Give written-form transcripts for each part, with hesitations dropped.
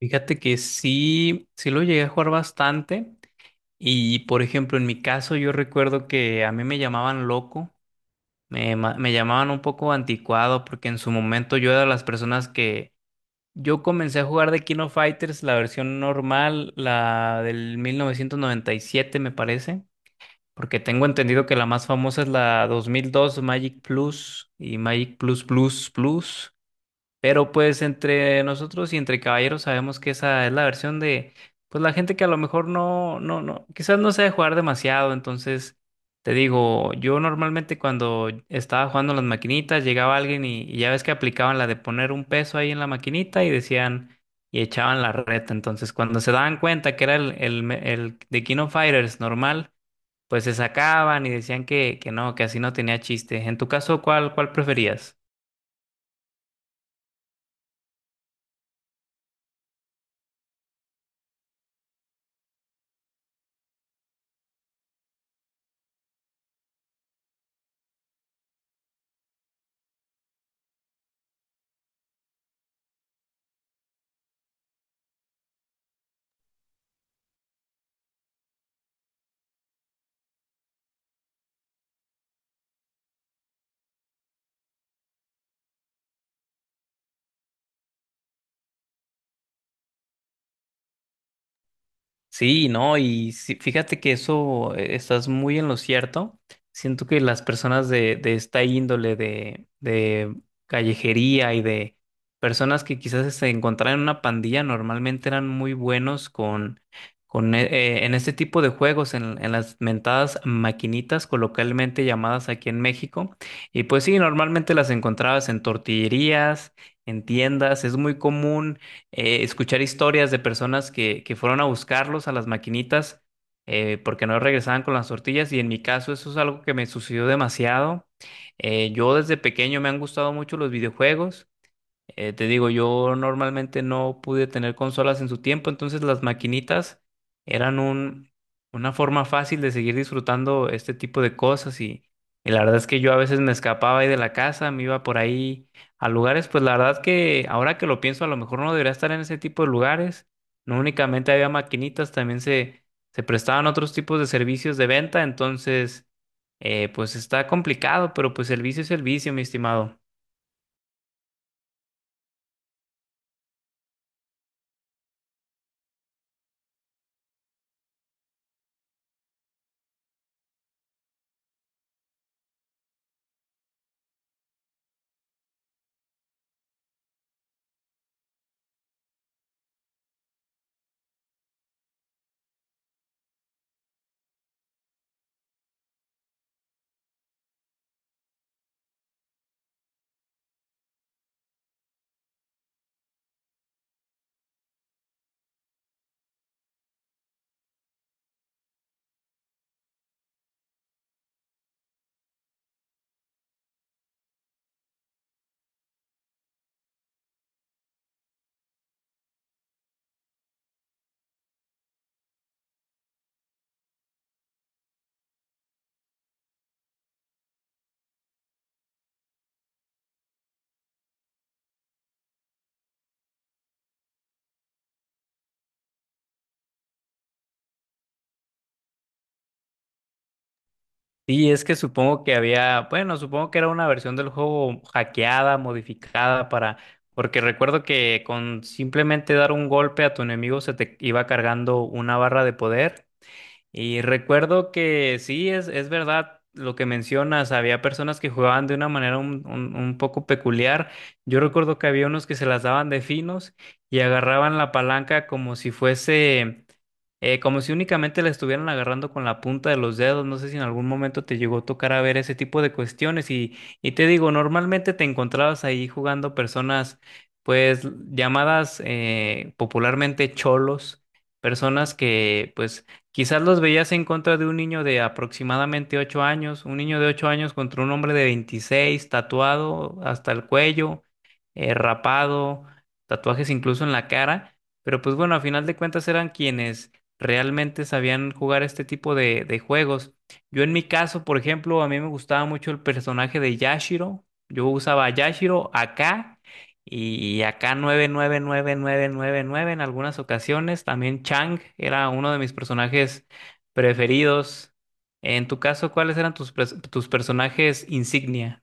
Fíjate que sí, sí lo llegué a jugar bastante y por ejemplo en mi caso yo recuerdo que a mí me llamaban loco, me llamaban un poco anticuado porque en su momento yo era de las personas que yo comencé a jugar de Kino Fighters, la versión normal, la del 1997 me parece, porque tengo entendido que la más famosa es la 2002 Magic Plus y Magic Plus Plus Plus. Pero pues entre nosotros y entre caballeros sabemos que esa es la versión de, pues la gente que a lo mejor no, no, no, quizás no sabe jugar demasiado. Entonces, te digo, yo normalmente cuando estaba jugando las maquinitas, llegaba alguien y ya ves que aplicaban la de poner un peso ahí en la maquinita y decían, y echaban la reta. Entonces, cuando se daban cuenta que era el de King of Fighters normal, pues se sacaban y decían que no, que así no tenía chiste. En tu caso, ¿cuál preferías? Sí, no, y sí, fíjate que eso estás muy en lo cierto. Siento que las personas de esta índole de callejería y de personas que quizás se encontraran en una pandilla normalmente eran muy buenos con en este tipo de juegos, en las mentadas maquinitas coloquialmente llamadas aquí en México. Y pues sí, normalmente las encontrabas en tortillerías, en tiendas. Es muy común escuchar historias de personas que fueron a buscarlos a las maquinitas porque no regresaban con las tortillas y en mi caso eso es algo que me sucedió demasiado. Yo desde pequeño me han gustado mucho los videojuegos. Te digo, yo normalmente no pude tener consolas en su tiempo, entonces las maquinitas eran una forma fácil de seguir disfrutando este tipo de cosas y la verdad es que yo a veces me escapaba ahí de la casa, me iba por ahí a lugares, pues la verdad que ahora que lo pienso, a lo mejor no debería estar en ese tipo de lugares, no únicamente había maquinitas, también se prestaban otros tipos de servicios de venta, entonces pues está complicado, pero pues el vicio es el vicio, mi estimado. Sí, es que supongo que había, bueno, supongo que era una versión del juego hackeada, modificada para, porque recuerdo que con simplemente dar un golpe a tu enemigo se te iba cargando una barra de poder y recuerdo que sí, es verdad lo que mencionas, había personas que jugaban de una manera un poco peculiar. Yo recuerdo que había unos que se las daban de finos y agarraban la palanca como si fuese, como si únicamente la estuvieran agarrando con la punta de los dedos. No sé si en algún momento te llegó a tocar a ver ese tipo de cuestiones. Y te digo, normalmente te encontrabas ahí jugando personas, pues llamadas popularmente cholos, personas que pues quizás los veías en contra de un niño de aproximadamente 8 años, un niño de 8 años contra un hombre de 26, tatuado hasta el cuello, rapado, tatuajes incluso en la cara, pero pues bueno, a final de cuentas eran quienes realmente sabían jugar este tipo de juegos. Yo en mi caso, por ejemplo, a mí me gustaba mucho el personaje de Yashiro, yo usaba a Yashiro acá y acá nueve nueve nueve nueve nueve nueve en algunas ocasiones. También Chang era uno de mis personajes preferidos. En tu caso, ¿cuáles eran tus personajes insignia?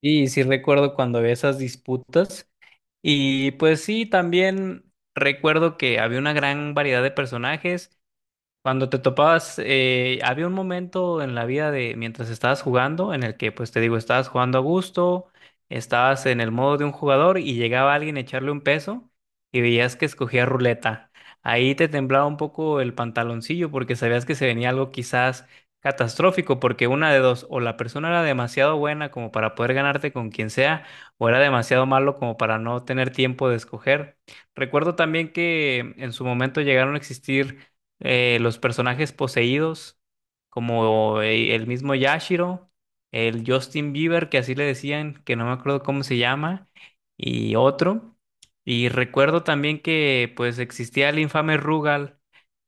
Y sí recuerdo cuando había esas disputas. Y pues sí, también recuerdo que había una gran variedad de personajes. Cuando te topabas, había un momento en la vida de mientras estabas jugando en el que, pues te digo, estabas jugando a gusto, estabas en el modo de un jugador y llegaba alguien a echarle un peso y veías que escogía ruleta. Ahí te temblaba un poco el pantaloncillo porque sabías que se venía algo quizás catastrófico, porque una de dos, o la persona era demasiado buena como para poder ganarte con quien sea, o era demasiado malo como para no tener tiempo de escoger. Recuerdo también que en su momento llegaron a existir los personajes poseídos, como el mismo Yashiro, el Justin Bieber, que así le decían, que no me acuerdo cómo se llama, y otro. Y recuerdo también que pues existía el infame Rugal,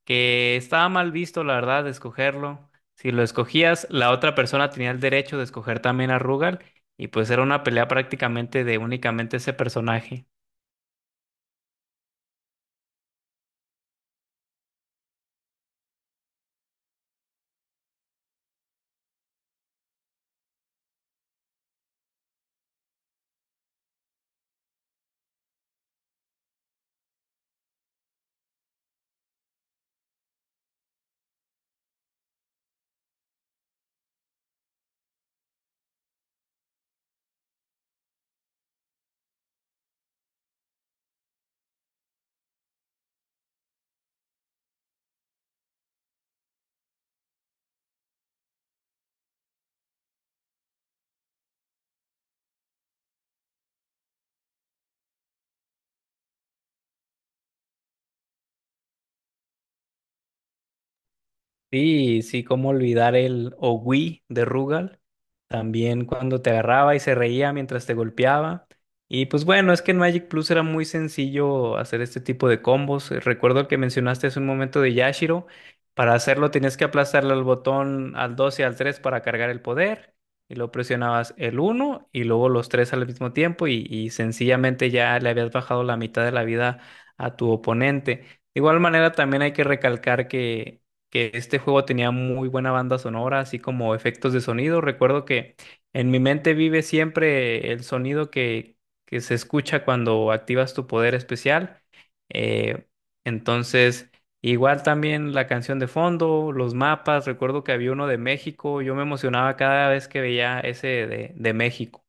que estaba mal visto, la verdad, de escogerlo. Si lo escogías, la otra persona tenía el derecho de escoger también a Rugal, y pues era una pelea prácticamente de únicamente ese personaje. Sí, sí, cómo olvidar el Owi de Rugal, también cuando te agarraba y se reía mientras te golpeaba. Y pues bueno, es que en Magic Plus era muy sencillo hacer este tipo de combos. Recuerdo que mencionaste hace un momento de Yashiro. Para hacerlo tenías que aplastarle al botón al 2 y al 3 para cargar el poder. Y luego presionabas el uno y luego los tres al mismo tiempo y sencillamente ya le habías bajado la mitad de la vida a tu oponente. De igual manera también hay que recalcar que este juego tenía muy buena banda sonora, así como efectos de sonido. Recuerdo que en mi mente vive siempre el sonido que se escucha cuando activas tu poder especial. Eh, entonces, igual también la canción de fondo, los mapas, recuerdo que había uno de México, yo me emocionaba cada vez que veía ese de México.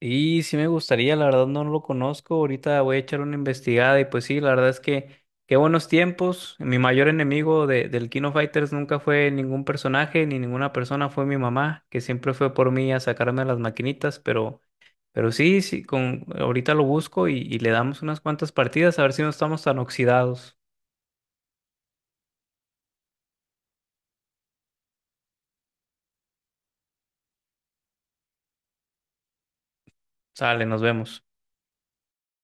Y sí me gustaría, la verdad no lo conozco, ahorita voy a echar una investigada y pues sí, la verdad es que qué buenos tiempos, mi mayor enemigo del King of Fighters nunca fue ningún personaje ni ninguna persona, fue mi mamá, que siempre fue por mí a sacarme las maquinitas, pero, sí, sí, ahorita lo busco y le damos unas cuantas partidas a ver si no estamos tan oxidados. Sale, nos vemos.